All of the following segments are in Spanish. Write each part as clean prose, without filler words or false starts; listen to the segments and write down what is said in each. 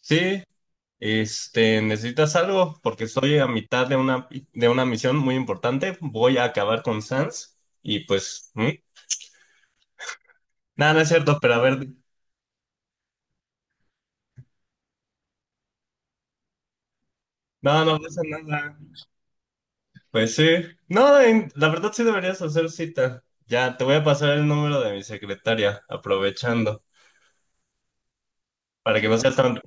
Sí, ¿necesitas algo? Porque estoy a mitad de una misión muy importante. Voy a acabar con Sans y pues. ¿Mm? Nada, no es cierto, pero a ver. No, no pasa nada. Pues sí. No, la verdad sí deberías hacer cita. Ya, te voy a pasar el número de mi secretaria, aprovechando, para que no seas tan.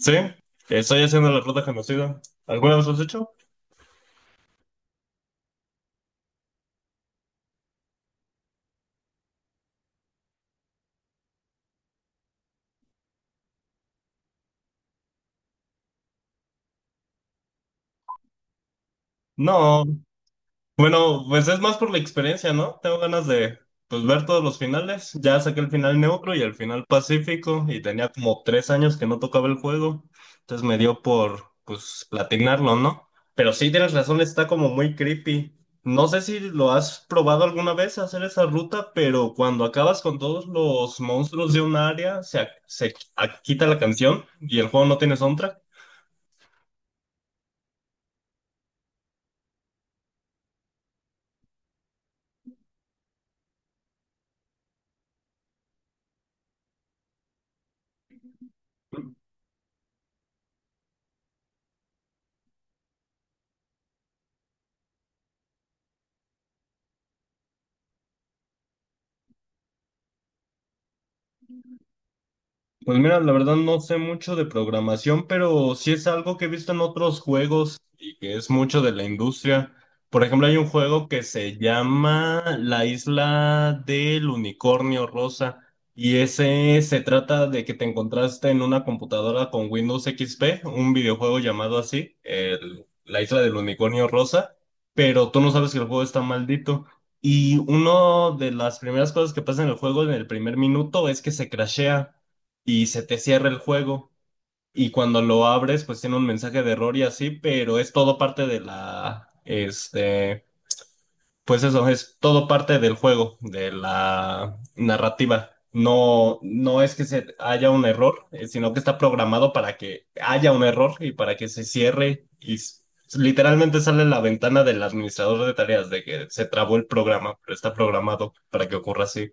Sí, estoy haciendo la ruta conocida. ¿Alguna vez lo has hecho? No. Bueno, pues es más por la experiencia, ¿no? Tengo ganas de pues ver todos los finales. Ya saqué el final neutro y el final pacífico y tenía como 3 años que no tocaba el juego. Entonces me dio por pues platinarlo, ¿no? Pero sí tienes razón, está como muy creepy. No sé si lo has probado alguna vez hacer esa ruta, pero cuando acabas con todos los monstruos de un área, se quita la canción y el juego no tiene soundtrack. Pues mira, la verdad no sé mucho de programación, pero sí es algo que he visto en otros juegos y que es mucho de la industria. Por ejemplo, hay un juego que se llama La Isla del Unicornio Rosa y ese se trata de que te encontraste en una computadora con Windows XP, un videojuego llamado así, La Isla del Unicornio Rosa, pero tú no sabes que el juego está maldito. Y una de las primeras cosas que pasa en el juego en el primer minuto es que se crashea y se te cierra el juego. Y cuando lo abres, pues tiene un mensaje de error y así, pero es todo parte de la, pues eso, es todo parte del juego, de la narrativa. No, no es que se haya un error, sino que está programado para que haya un error y para que se cierre y literalmente sale la ventana del administrador de tareas de que se trabó el programa, pero está programado para que ocurra así.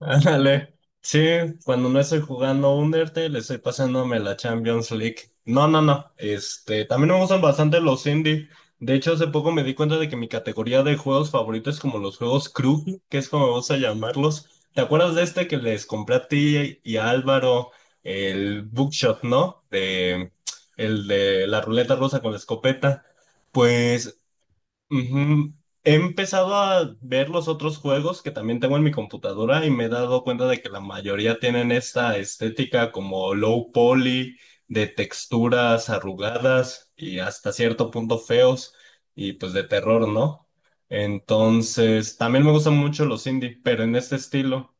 Ándale. Sí, cuando no estoy jugando Undertale, estoy pasándome la Champions League. No, no, no. También me gustan bastante los indie. De hecho, hace poco me di cuenta de que mi categoría de juegos favoritos es como los juegos crew, que es como me gusta llamarlos. ¿Te acuerdas de este que les compré a ti y a Álvaro el Bookshot, no? El de la ruleta rosa con la escopeta. Pues. Ujú. He empezado a ver los otros juegos que también tengo en mi computadora y me he dado cuenta de que la mayoría tienen esta estética como low poly, de texturas arrugadas y hasta cierto punto feos y pues de terror, ¿no? Entonces, también me gustan mucho los indie, pero en este estilo.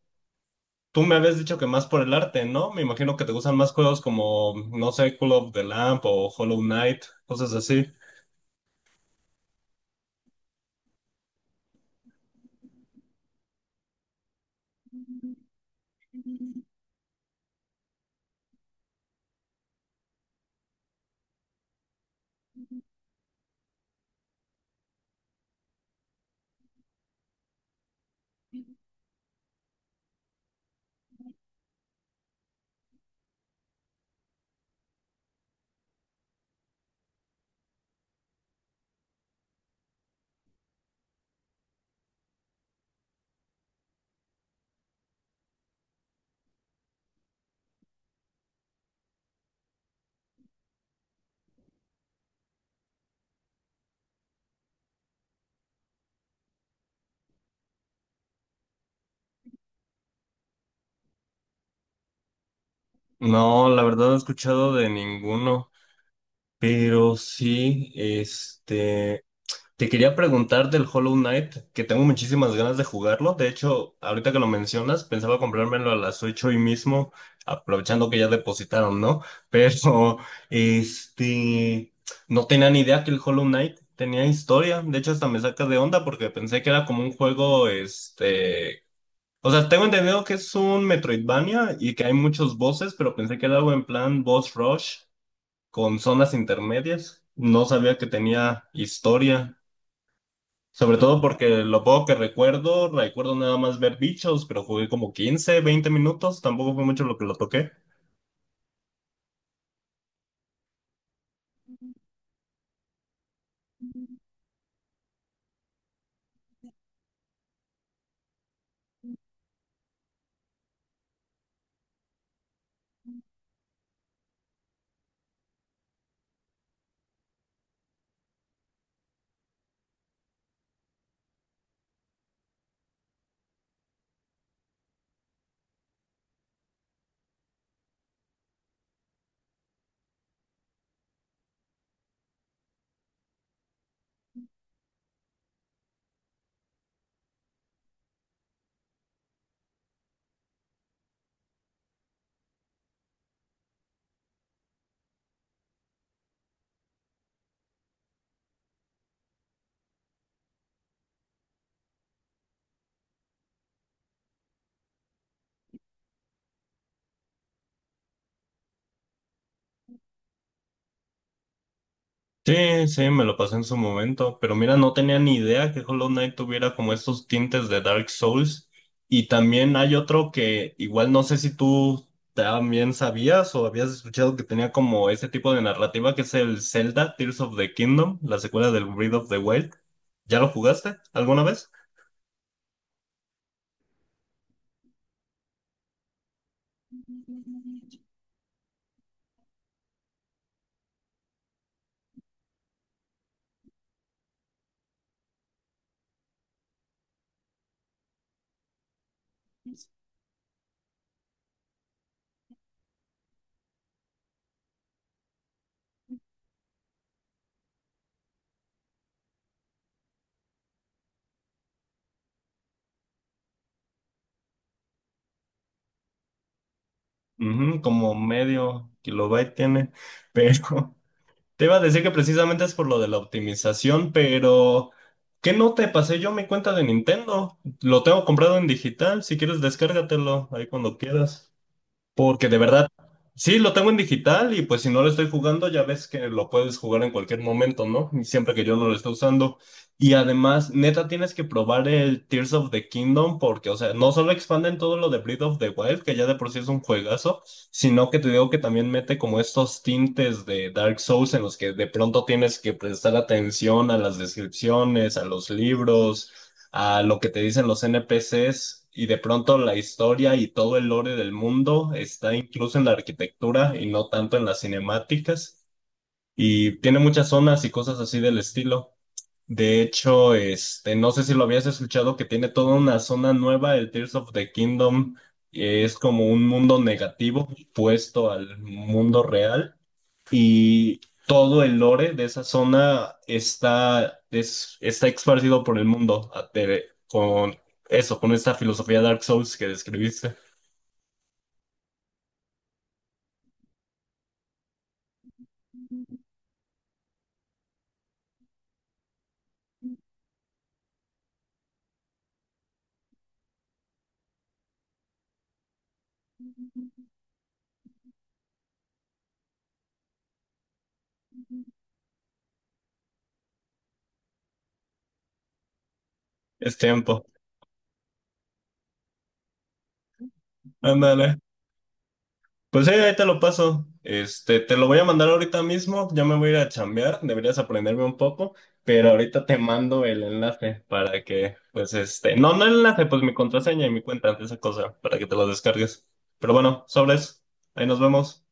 Tú me habías dicho que más por el arte, ¿no? Me imagino que te gustan más juegos como, no sé, Call of the Lamp o Hollow Knight, cosas así. No, la verdad no he escuchado de ninguno. Pero sí, te quería preguntar del Hollow Knight, que tengo muchísimas ganas de jugarlo. De hecho, ahorita que lo mencionas, pensaba comprármelo a las 8 hoy mismo, aprovechando que ya depositaron, ¿no? Pero, este, no tenía ni idea que el Hollow Knight tenía historia. De hecho, hasta me saca de onda porque pensé que era como un juego, o sea, tengo entendido que es un Metroidvania y que hay muchos bosses, pero pensé que era algo en plan boss rush con zonas intermedias. No sabía que tenía historia, sobre todo porque lo poco que recuerdo, recuerdo nada más ver bichos, pero jugué como 15, 20 minutos, tampoco fue mucho lo que lo toqué. Sí, sí, me lo pasé en su momento, pero mira, no tenía ni idea que Hollow Knight tuviera como estos tintes de Dark Souls. Y también hay otro que igual no sé si tú también sabías o habías escuchado que tenía como ese tipo de narrativa que es el Zelda Tears of the Kingdom, la secuela del Breath of the Wild. ¿Ya lo jugaste alguna vez? Ujú, como medio kilobyte tiene, pero te iba a decir que precisamente es por lo de la optimización, pero ¿qué no te pasé yo mi cuenta de Nintendo? Lo tengo comprado en digital, si quieres descárgatelo ahí cuando quieras. Porque de verdad, sí, lo tengo en digital y pues si no lo estoy jugando, ya ves que lo puedes jugar en cualquier momento, ¿no? Y siempre que yo no lo esté usando. Y además, neta, tienes que probar el Tears of the Kingdom porque, o sea, no solo expanden todo lo de Breath of the Wild, que ya de por sí es un juegazo, sino que te digo que también mete como estos tintes de Dark Souls en los que de pronto tienes que prestar atención a las descripciones, a los libros a lo que te dicen los NPCs y de pronto la historia y todo el lore del mundo está incluso en la arquitectura y no tanto en las cinemáticas y tiene muchas zonas y cosas así del estilo. De hecho, no sé si lo habías escuchado que tiene toda una zona nueva, el Tears of the Kingdom, que es como un mundo negativo puesto al mundo real y todo el lore de esa zona está esparcido por el mundo con eso, con esta filosofía Dark Souls que describiste. Es tiempo. Ándale. Pues sí, ahí te lo paso. Te lo voy a mandar ahorita mismo. Ya me voy a ir a chambear. Deberías aprenderme un poco, pero ahorita te mando el enlace para que, pues no, no el enlace, pues mi contraseña y mi cuenta, esa cosa, para que te lo descargues. Pero bueno, sobres. Ahí nos vemos.